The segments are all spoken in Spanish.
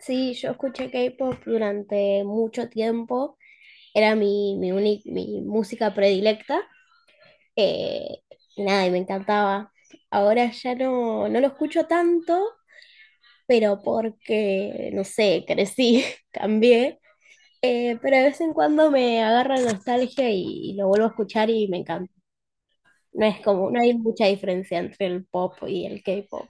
Sí, yo escuché K-pop durante mucho tiempo, era mi música predilecta, eh, nada, y me encantaba. Ahora ya no lo escucho tanto, pero porque, no sé, crecí, cambié, pero de vez en cuando me agarra nostalgia y lo vuelvo a escuchar y me encanta. No es como, no hay mucha diferencia entre el pop y el K-pop.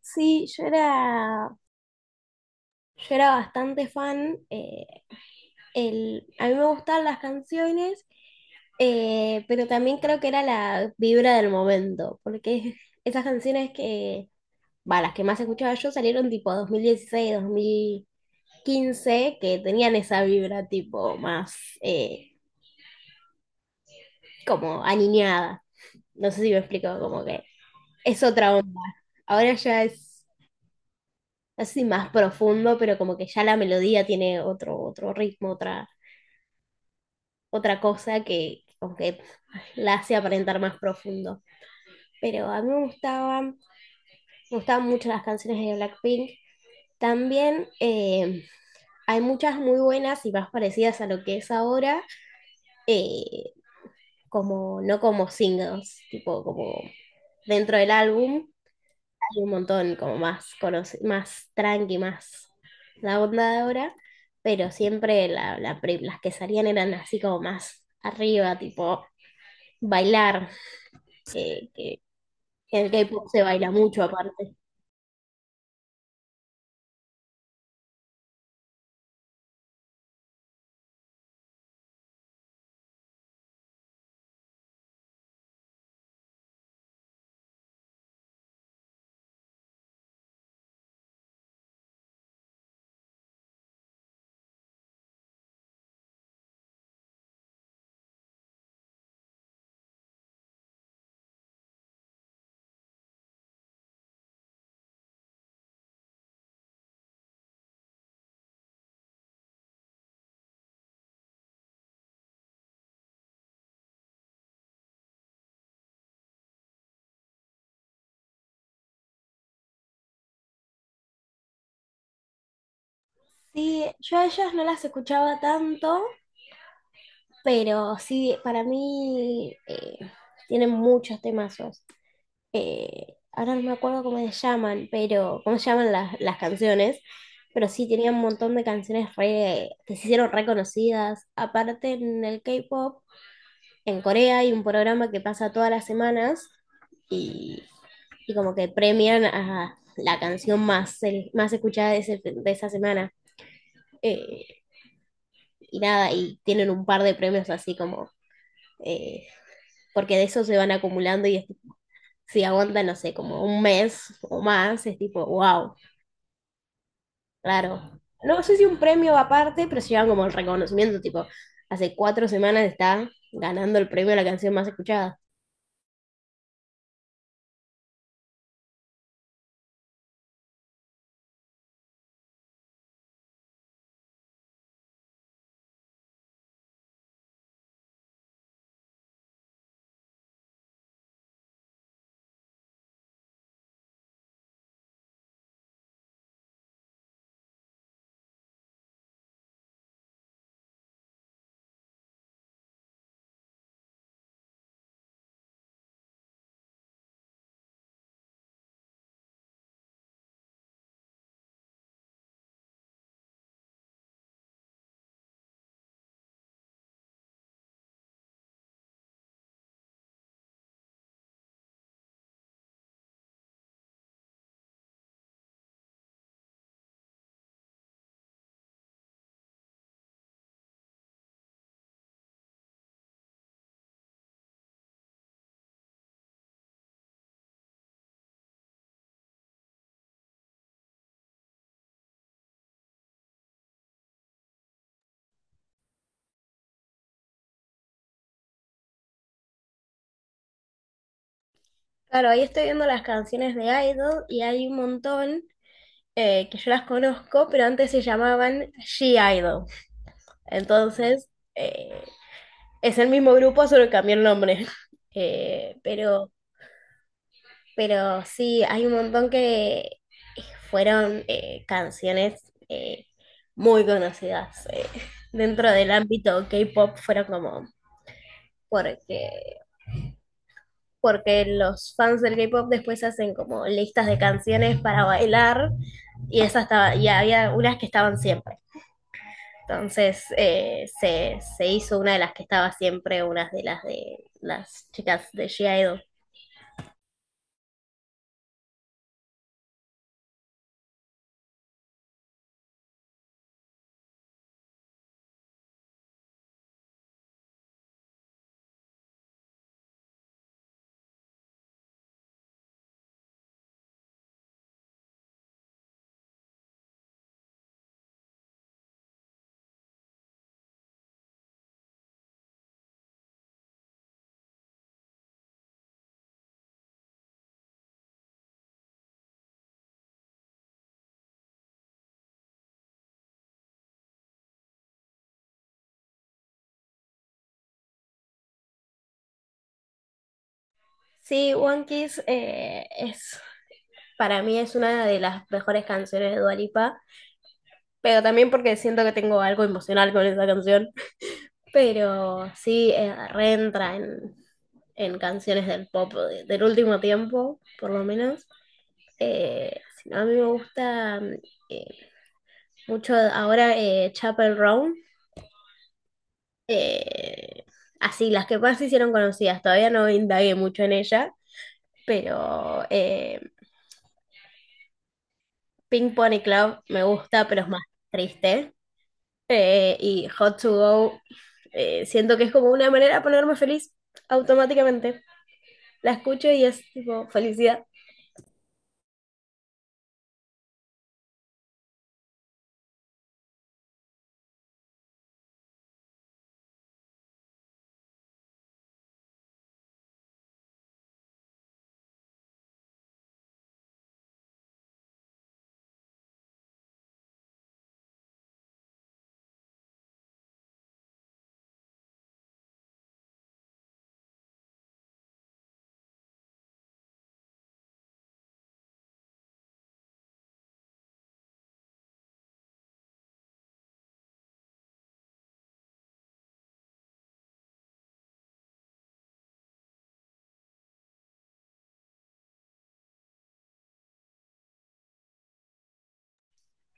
Sí, yo era bastante fan. El, a mí me gustaban las canciones, pero también creo que era la vibra del momento, porque esas canciones que, va, las que más escuchaba yo salieron tipo 2016, 2015, que tenían esa vibra tipo más eh, como aniñada. No sé si me explico, como que es otra onda. Ahora ya es, así más profundo, pero como que ya la melodía tiene otro, otro ritmo, otra, otra cosa que como que la hace aparentar más profundo. Pero a mí me gustaban mucho las canciones de Blackpink. También hay muchas muy buenas y más parecidas a lo que es ahora, eh, como, no como singles, tipo como dentro del álbum, hay un montón como más, más tranqui, más la onda de ahora, pero siempre las que salían eran así como más arriba, tipo bailar, que en el K-pop se baila mucho aparte. Sí, yo a ellas no las escuchaba tanto, pero sí, para mí tienen muchos temazos. Ahora no me acuerdo cómo se llaman, pero cómo se llaman las canciones, pero sí tenían un montón de que se hicieron reconocidas. Aparte en el K-pop, en Corea hay un programa que pasa todas las semanas y, y como que premian a la canción más, más escuchada de, de esa semana. Eh, y nada, y tienen un par de premios así como, eh, porque de eso se van acumulando y si aguantan, no sé, como un mes o más, es tipo, wow, claro. No, no sé si un premio aparte, pero se llevan como el reconocimiento, tipo, hace 4 semanas está ganando el premio a la canción más escuchada. Claro, ahí estoy viendo las canciones de Idol y hay un montón que yo las conozco, pero antes se llamaban She-Idol. Entonces, eh, es el mismo grupo, solo cambió el nombre. Eh, pero Pero sí, hay un montón que fueron canciones muy conocidas dentro del ámbito K-pop, fueron como porque, porque los fans del K-pop después hacen como listas de canciones para bailar y esa estaba, y había unas que estaban siempre. Entonces se hizo una de las que estaba siempre, unas de las chicas de G-Idol. Sí, One Kiss es para mí es una de las mejores canciones de Dua Lipa, pero también porque siento que tengo algo emocional con esa canción. Pero sí, reentra en canciones del del último tiempo, por lo menos. Si no, a mí me gusta eh, mucho ahora Chapel Roan. eh, así, las que más se hicieron conocidas. Todavía no indagué mucho en ella, pero Pink Pony Club me gusta, pero es más triste. Y Hot to Go, siento que es como una manera de ponerme feliz automáticamente. La escucho y es tipo felicidad.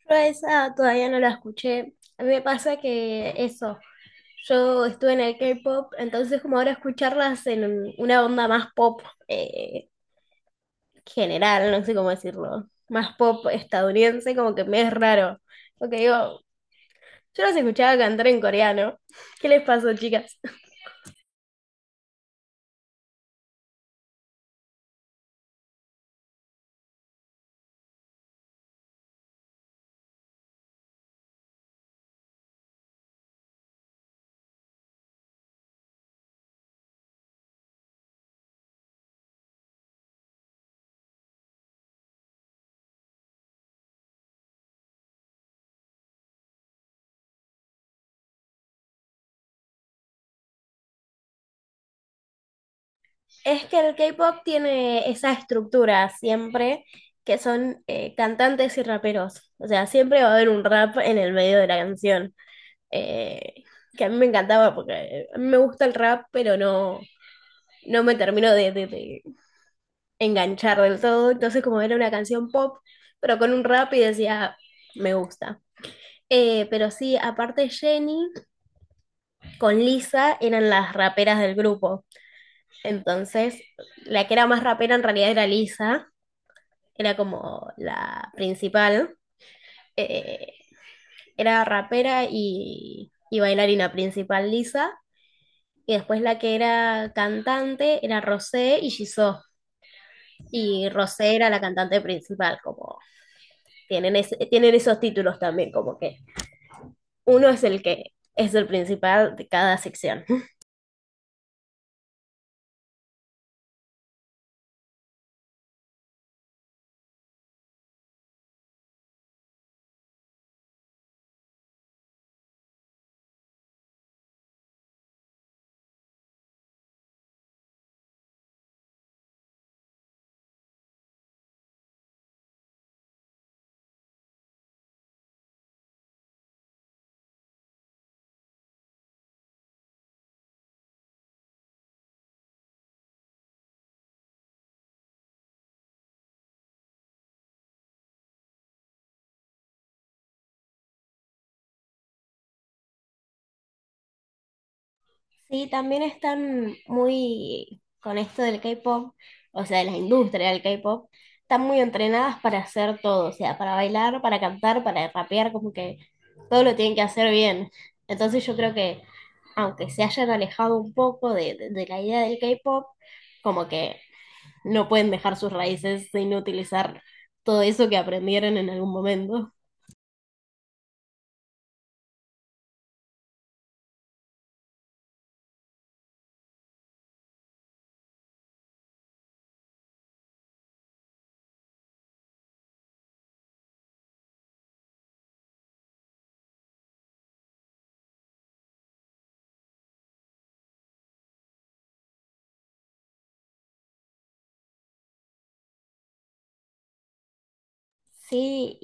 Yo a esa todavía no la escuché. A mí me pasa que eso, yo estuve en el K-pop, entonces como ahora escucharlas en una onda más pop eh, general, no sé cómo decirlo, más pop estadounidense, como que me es raro. Porque digo, yo las escuchaba cantar en coreano. ¿Qué les pasó, chicas? Es que el K-pop tiene esa estructura siempre, que son cantantes y raperos. O sea, siempre va a haber un rap en el medio de la canción. Eh, que a mí me encantaba porque a mí me gusta el rap, pero no, no me termino de enganchar del todo. Entonces, como era una canción pop, pero con un rap y decía, me gusta. Pero sí, aparte Jenny con Lisa eran las raperas del grupo. Entonces, la que era más rapera en realidad era Lisa, era como la principal, eh, era rapera y bailarina principal Lisa, y después la que era cantante era Rosé y Jisoo, y Rosé era la cantante principal, como tienen, tienen esos títulos también, como que uno es el que es el principal de cada sección. Sí, también están muy con esto del K-pop, o sea, de la industria del K-pop, están muy entrenadas para hacer todo, o sea, para bailar, para cantar, para rapear, como que todo lo tienen que hacer bien. Entonces yo creo que aunque se hayan alejado un poco de la idea del K-pop, como que no pueden dejar sus raíces sin utilizar todo eso que aprendieron en algún momento. Sí,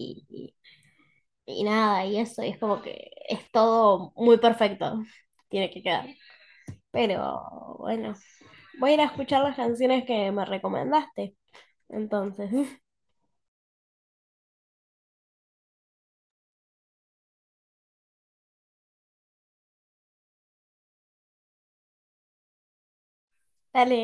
y nada, y eso, y es como que es todo muy perfecto, tiene que quedar. Pero bueno, voy a ir a escuchar las canciones que me recomendaste, entonces, dale.